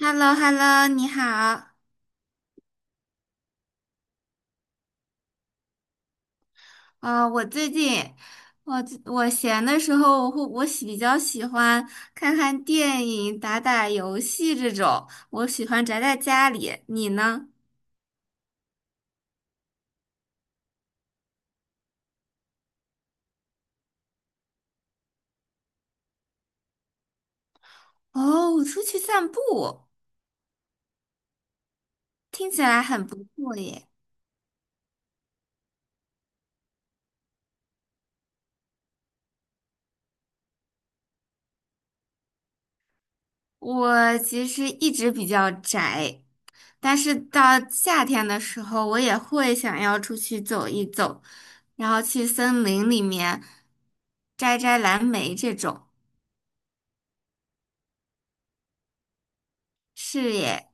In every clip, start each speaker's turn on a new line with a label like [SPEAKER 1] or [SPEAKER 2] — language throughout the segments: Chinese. [SPEAKER 1] h e l l o h e l l o 你好。我最近我闲的时候，我比较喜欢看看电影、打打游戏这种。我喜欢宅在家里，你呢？哦，我出去散步，听起来很不错耶。我其实一直比较宅，但是到夏天的时候，我也会想要出去走一走，然后去森林里面摘摘蓝莓这种。是耶。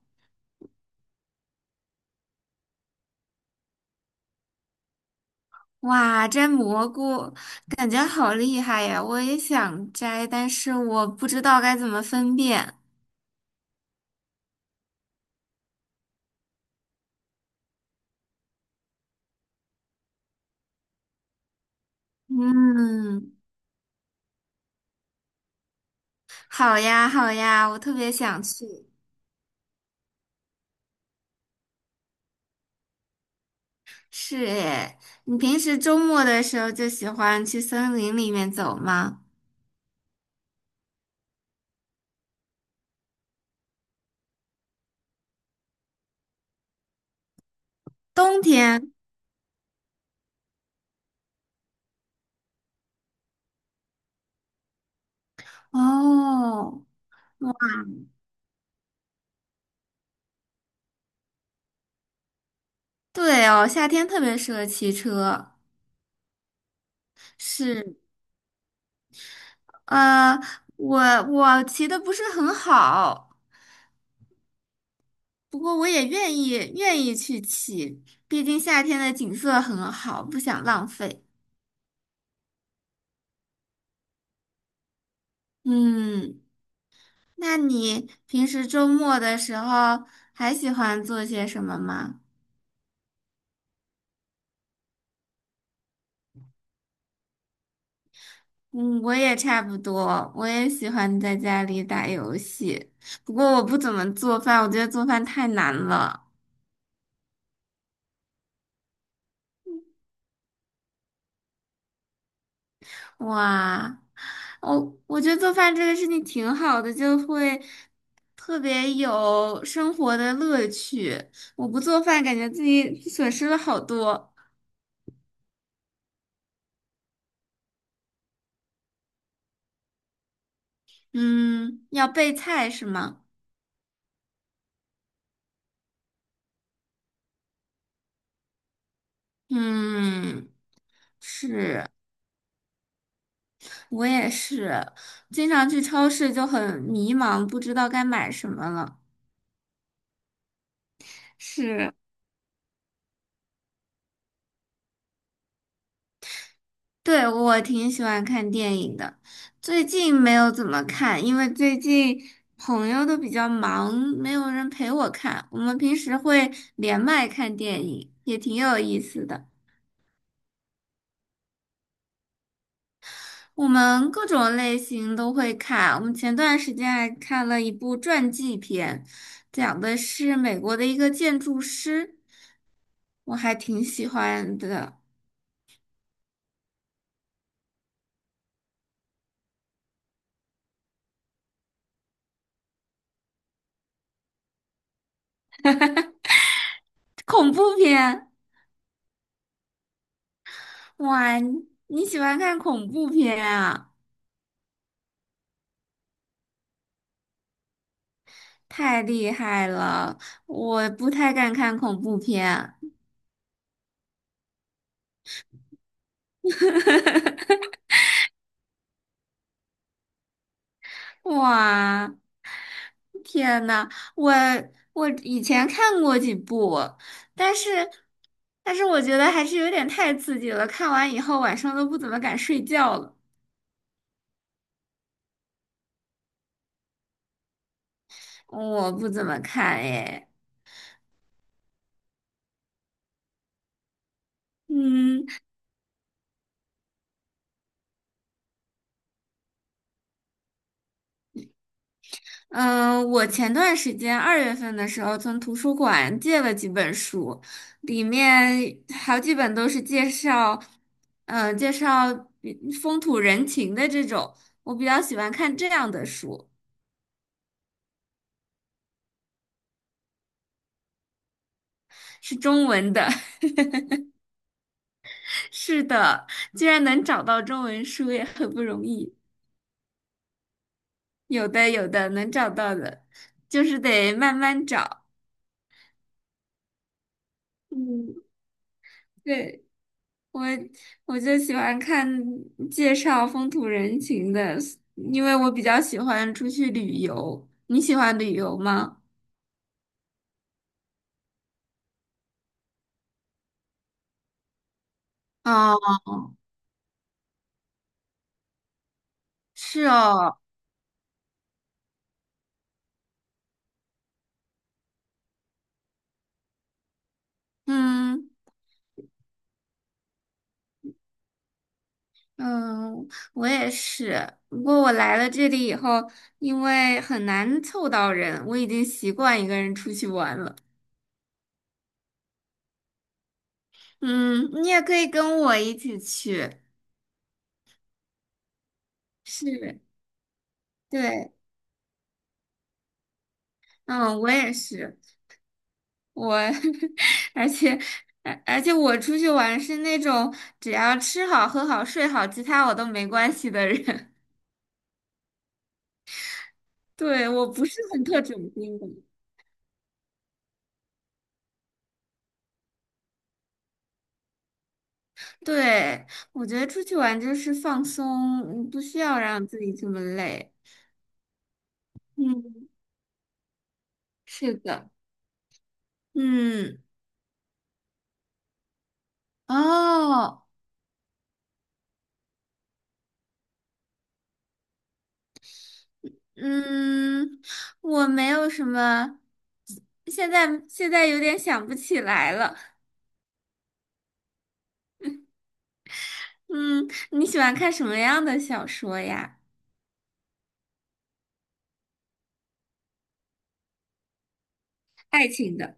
[SPEAKER 1] 哇，摘蘑菇感觉好厉害呀！我也想摘，但是我不知道该怎么分辨。嗯，好呀，好呀，我特别想去。是诶，你平时周末的时候就喜欢去森林里面走吗？冬天？哦，对哦，夏天特别适合骑车。是，呃，我我骑的不是很好。不过我也愿意去骑，毕竟夏天的景色很好，不想浪费。嗯，那你平时周末的时候还喜欢做些什么吗？嗯，我也差不多，我也喜欢在家里打游戏，不过我不怎么做饭，我觉得做饭太难了。哇，我觉得做饭这个事情挺好的，就会特别有生活的乐趣。我不做饭，感觉自己损失了好多。嗯，要备菜是吗？嗯，我也是，经常去超市就很迷茫，不知道该买什么了。是。对，我挺喜欢看电影的，最近没有怎么看，因为最近朋友都比较忙，没有人陪我看。我们平时会连麦看电影，也挺有意思的。我们各种类型都会看。我们前段时间还看了一部传记片，讲的是美国的一个建筑师，我还挺喜欢的。恐怖片，哇，你喜欢看恐怖片啊？太厉害了，我不太敢看恐怖片。哇，天呐，我我以前看过几部，但是但是我觉得还是有点太刺激了，看完以后晚上都不怎么敢睡觉了。我不怎么看诶，嗯。嗯，我前段时间二月份的时候从图书馆借了几本书，里面好几本都是介绍，介绍比风土人情的这种，我比较喜欢看这样的书，是中文的。是的，居然能找到中文书也很不容易，有的有的能找到的，就是得慢慢找。嗯，对。我我就喜欢看介绍风土人情的，因为我比较喜欢出去旅游。你喜欢旅游吗？哦，是哦，嗯嗯，我也是。不过我来了这里以后，因为很难凑到人，我已经习惯一个人出去玩了。嗯，你也可以跟我一起去。是，对，嗯，我也是。我 而且而且我出去玩是那种只要吃好、喝好、睡好，其他我都没关系的人。对，我不是很特种兵的。对，我觉得出去玩就是放松，嗯不需要让自己这么累。嗯，是的，嗯，哦，嗯，我没有什么，现在有点想不起来了。嗯，你喜欢看什么样的小说呀？爱情的。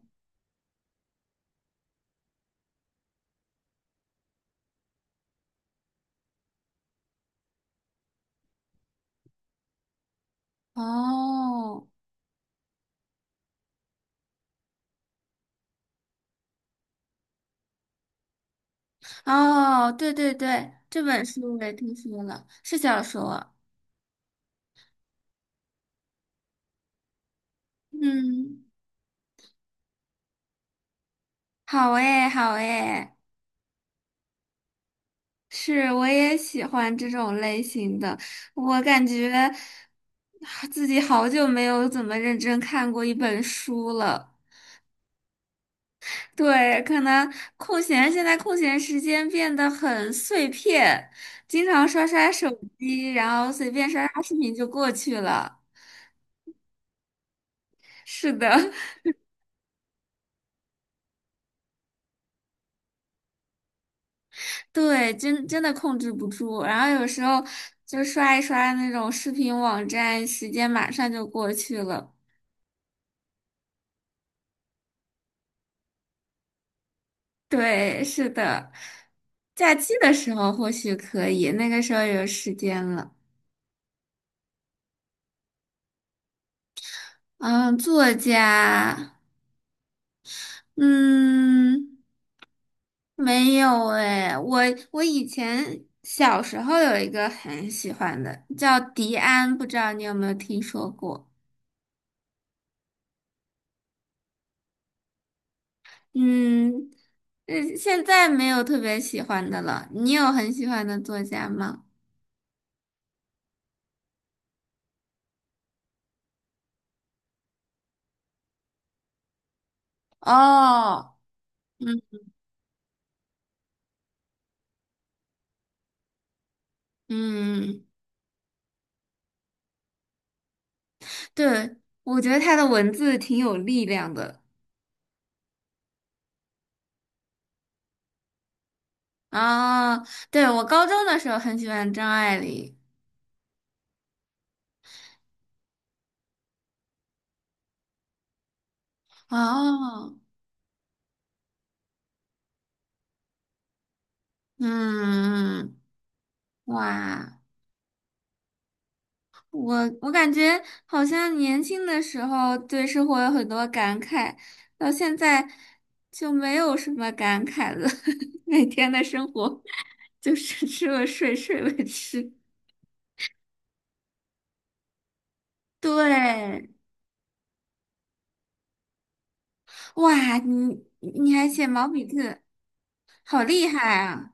[SPEAKER 1] 哦，哦，对对对，这本书我也听说了，是小说。嗯，好诶，好诶，是，我也喜欢这种类型的。我感觉啊自己好久没有怎么认真看过一本书了。对，可能空闲，现在空闲时间变得很碎片，经常刷刷手机，然后随便刷刷视频就过去了。是的。对，真真的控制不住。然后有时候就刷一刷那种视频网站，时间马上就过去了。对，是的，假期的时候或许可以，那个时候有时间了。嗯，作家，嗯，没有诶，我以前小时候有一个很喜欢的，叫迪安，不知道你有没有听说过？嗯，嗯，现在没有特别喜欢的了。你有很喜欢的作家吗？哦，嗯嗯，对，我觉得他的文字挺有力量的。啊。对，我高中的时候很喜欢张爱玲。哦，嗯，哇。我我感觉好像年轻的时候对生活有很多感慨，到现在就没有什么感慨了。每天的生活就是吃了睡，睡了吃。对，哇，你还写毛笔字，好厉害啊！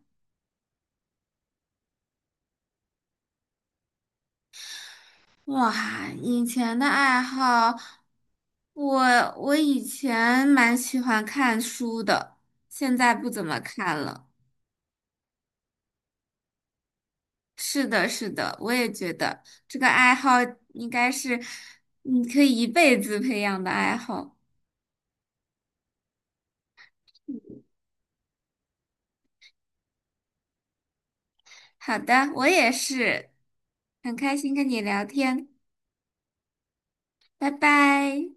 [SPEAKER 1] 哇，以前的爱好，我我以前蛮喜欢看书的，现在不怎么看了。是的，是的，我也觉得这个爱好应该是你可以一辈子培养的爱好。好的，我也是，很开心跟你聊天，拜拜。